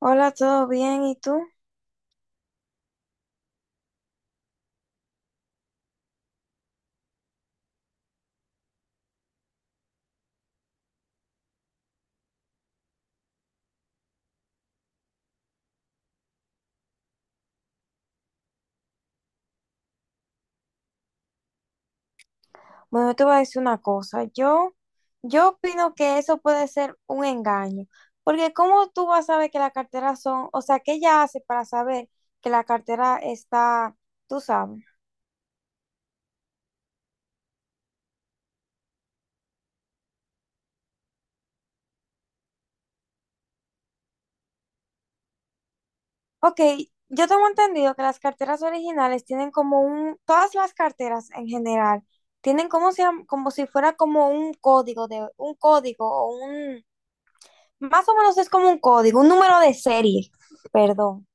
Hola, ¿todo bien? ¿Y tú? Bueno, yo te voy a decir una cosa. Yo opino que eso puede ser un engaño, porque ¿cómo tú vas a saber que la cartera son, o sea, qué ella hace para saber que la cartera está, tú sabes? Ok, yo tengo entendido que las carteras originales tienen como un, todas las carteras en general, tienen como si fuera como un código de, un código o un, más o menos es como un código, un número de serie, perdón.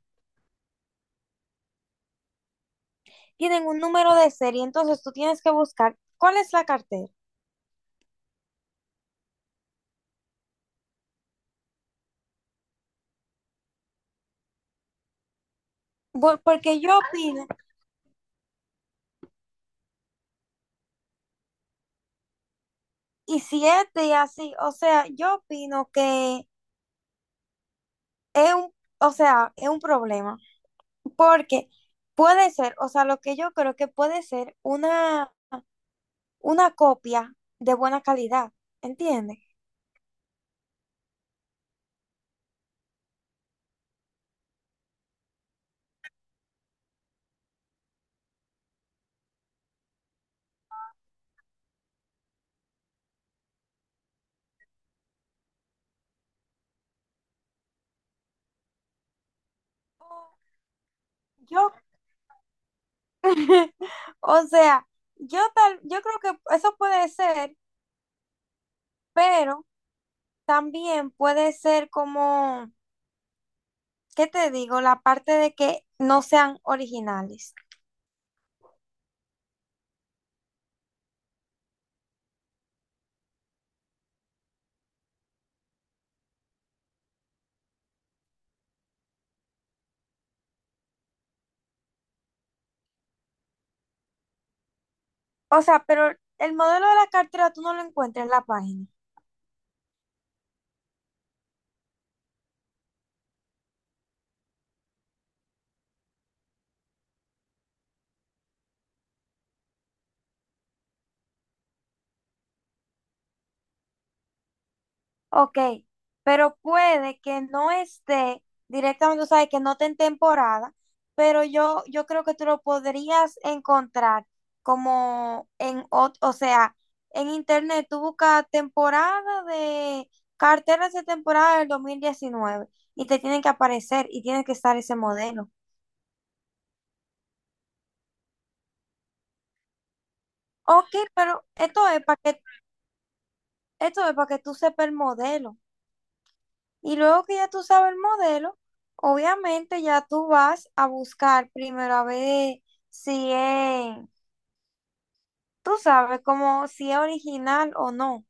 Tienen un número de serie, entonces tú tienes que buscar cuál es la cartera. Porque yo opino, y si es de así, o sea, yo opino que es un, o sea, es un problema, porque puede ser, o sea, lo que yo creo que puede ser una copia de buena calidad, ¿entiendes? Yo, o sea, yo tal, yo creo que eso puede ser, pero también puede ser como... ¿Qué te digo? La parte de que no sean originales. O sea, pero el modelo de la cartera tú no lo encuentras en la página. Ok, pero puede que no esté directamente, o sea, que no esté en temporada, pero yo creo que tú lo podrías encontrar como en, o sea, en internet tú buscas temporada de carteras de temporada del 2019 y te tienen que aparecer y tiene que estar ese modelo. Ok, pero esto es para que, esto es para que tú sepas el modelo. Y luego que ya tú sabes el modelo, obviamente ya tú vas a buscar primero a ver si es, tú sabes, como si es original o no.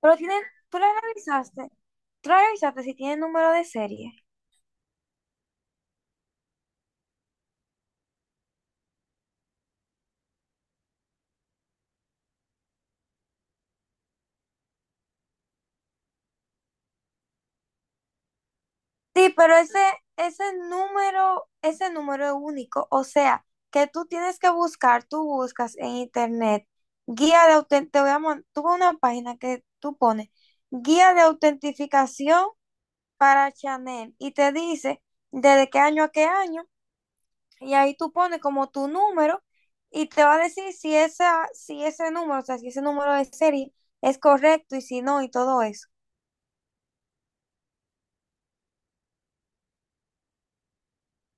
Pero tienen, tú la revisaste, tú la revisaste si tiene número de serie. Sí, pero ese, ese ese número es único. O sea, que tú tienes que buscar, tú buscas en internet guía de te voy a tuve una página que tú pones guía de autentificación para Chanel y te dice desde qué año a qué año y ahí tú pones como tu número y te va a decir si esa, si ese número, o sea, si ese número de serie es correcto y si no y todo eso.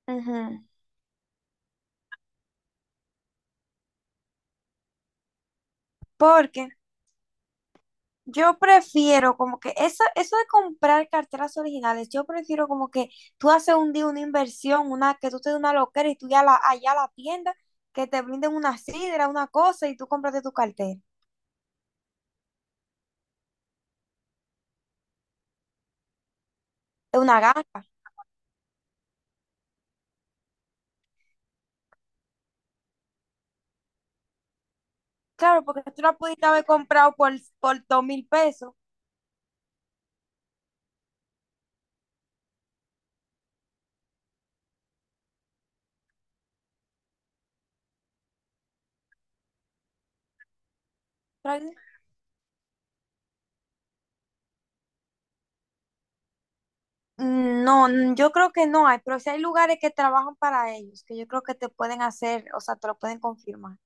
Ujú. Porque yo prefiero como que eso de comprar carteras originales, yo prefiero como que tú haces un día una inversión, una, que tú te des una loquera y tú ya la, allá a la tienda, que te brinden una sidra, una cosa y tú compraste tu cartera, una ganga. Claro, porque tú la pudiste haber comprado por 2,000 pesos. Pero... No, yo creo que no hay, pero si hay lugares que trabajan para ellos, que yo creo que te pueden hacer, o sea, te lo pueden confirmar.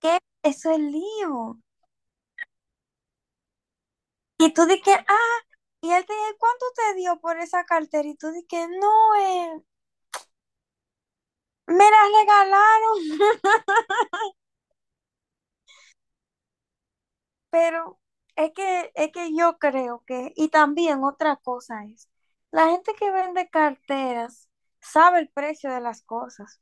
¿Qué? Eso es lío. Y tú dices, que, y él te dice, ¿cuánto te dio por esa cartera? Y tú dices, no, me la regalaron. Pero es que yo creo que, y también otra cosa es, la gente que vende carteras sabe el precio de las cosas.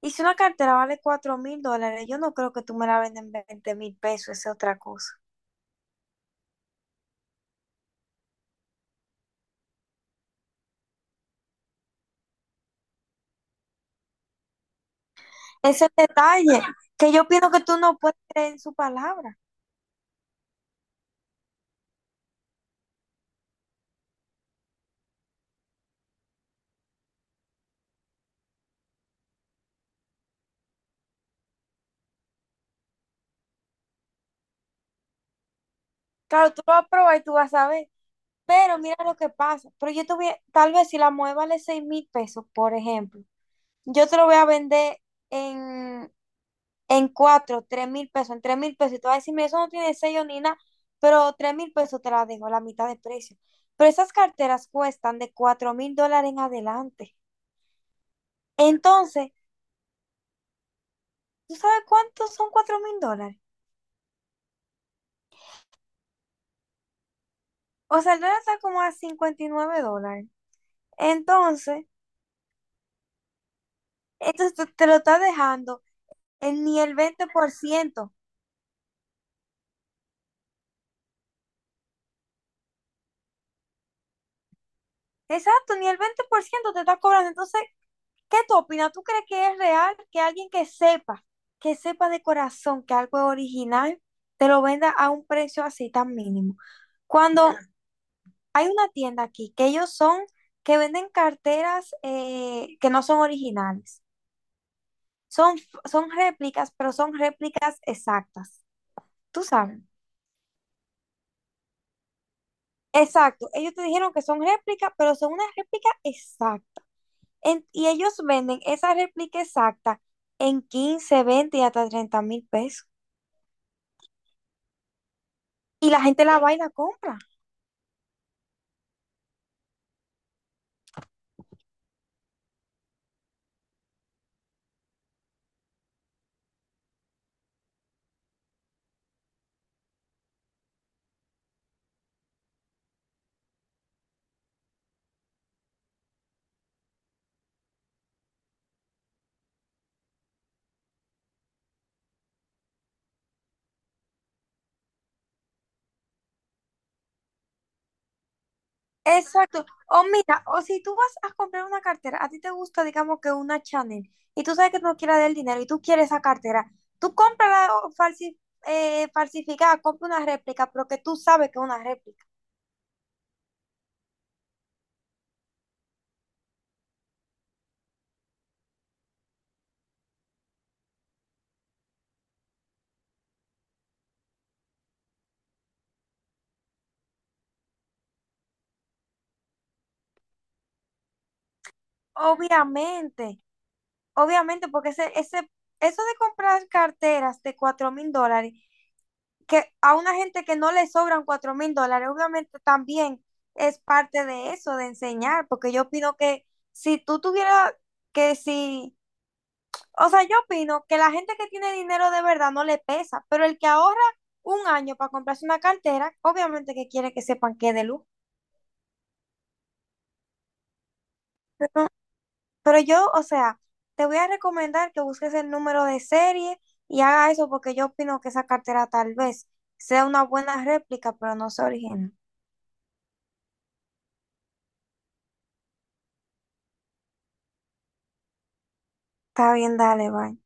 Y si una cartera vale 4,000 dólares, yo no creo que tú me la vendas en 20 mil pesos, esa es otra cosa. Ese detalle, que yo pienso que tú no puedes creer en su palabra. Claro, tú lo vas a probar y tú vas a ver. Pero mira lo que pasa. Pero yo te voy a... tal vez si la mueve vale 6,000 pesos, por ejemplo, yo te lo voy a vender en, en 4,000 3,000 pesos, en 3,000 pesos. Y tú vas a decirme eso no tiene sello ni nada, pero 3,000 pesos te la dejo, la mitad de precio. Pero esas carteras cuestan de 4,000 dólares en adelante. Entonces, ¿tú sabes cuántos son 4,000 dólares? O sea, el dólar está como a 59 dólares. Entonces, esto te lo está dejando en ni el 20%. Exacto, ni el 20% te está cobrando. Entonces, ¿qué tú opinas? ¿Tú crees que es real que alguien que sepa de corazón que algo es original, te lo venda a un precio así tan mínimo? Cuando hay una tienda aquí que ellos son, que venden carteras que no son originales, son, son réplicas, pero son réplicas exactas. ¿Tú sabes? Exacto, ellos te dijeron que son réplicas, pero son una réplica exacta. Y ellos venden esa réplica exacta en 15, 20, y hasta 30,000 pesos. Y la gente la va y la compra. Exacto. O mira, o si tú vas a comprar una cartera, a ti te gusta, digamos que una Chanel, y tú sabes que tú no quieres dar el dinero y tú quieres esa cartera, tú cómprala o falsificada, compra una réplica, pero que tú sabes que es una réplica. Obviamente, obviamente, porque ese, eso de comprar carteras de 4,000 dólares que a una gente que no le sobran 4,000 dólares, obviamente también es parte de eso, de enseñar, porque yo opino que si tú tuvieras que si, o sea, yo opino que la gente que tiene dinero de verdad no le pesa, pero el que ahorra un año para comprarse una cartera, obviamente que quiere que sepan que es de lujo. Pero, pero yo, o sea, te voy a recomendar que busques el número de serie y haga eso porque yo opino que esa cartera tal vez sea una buena réplica, pero no sea original. Está bien, dale, bye.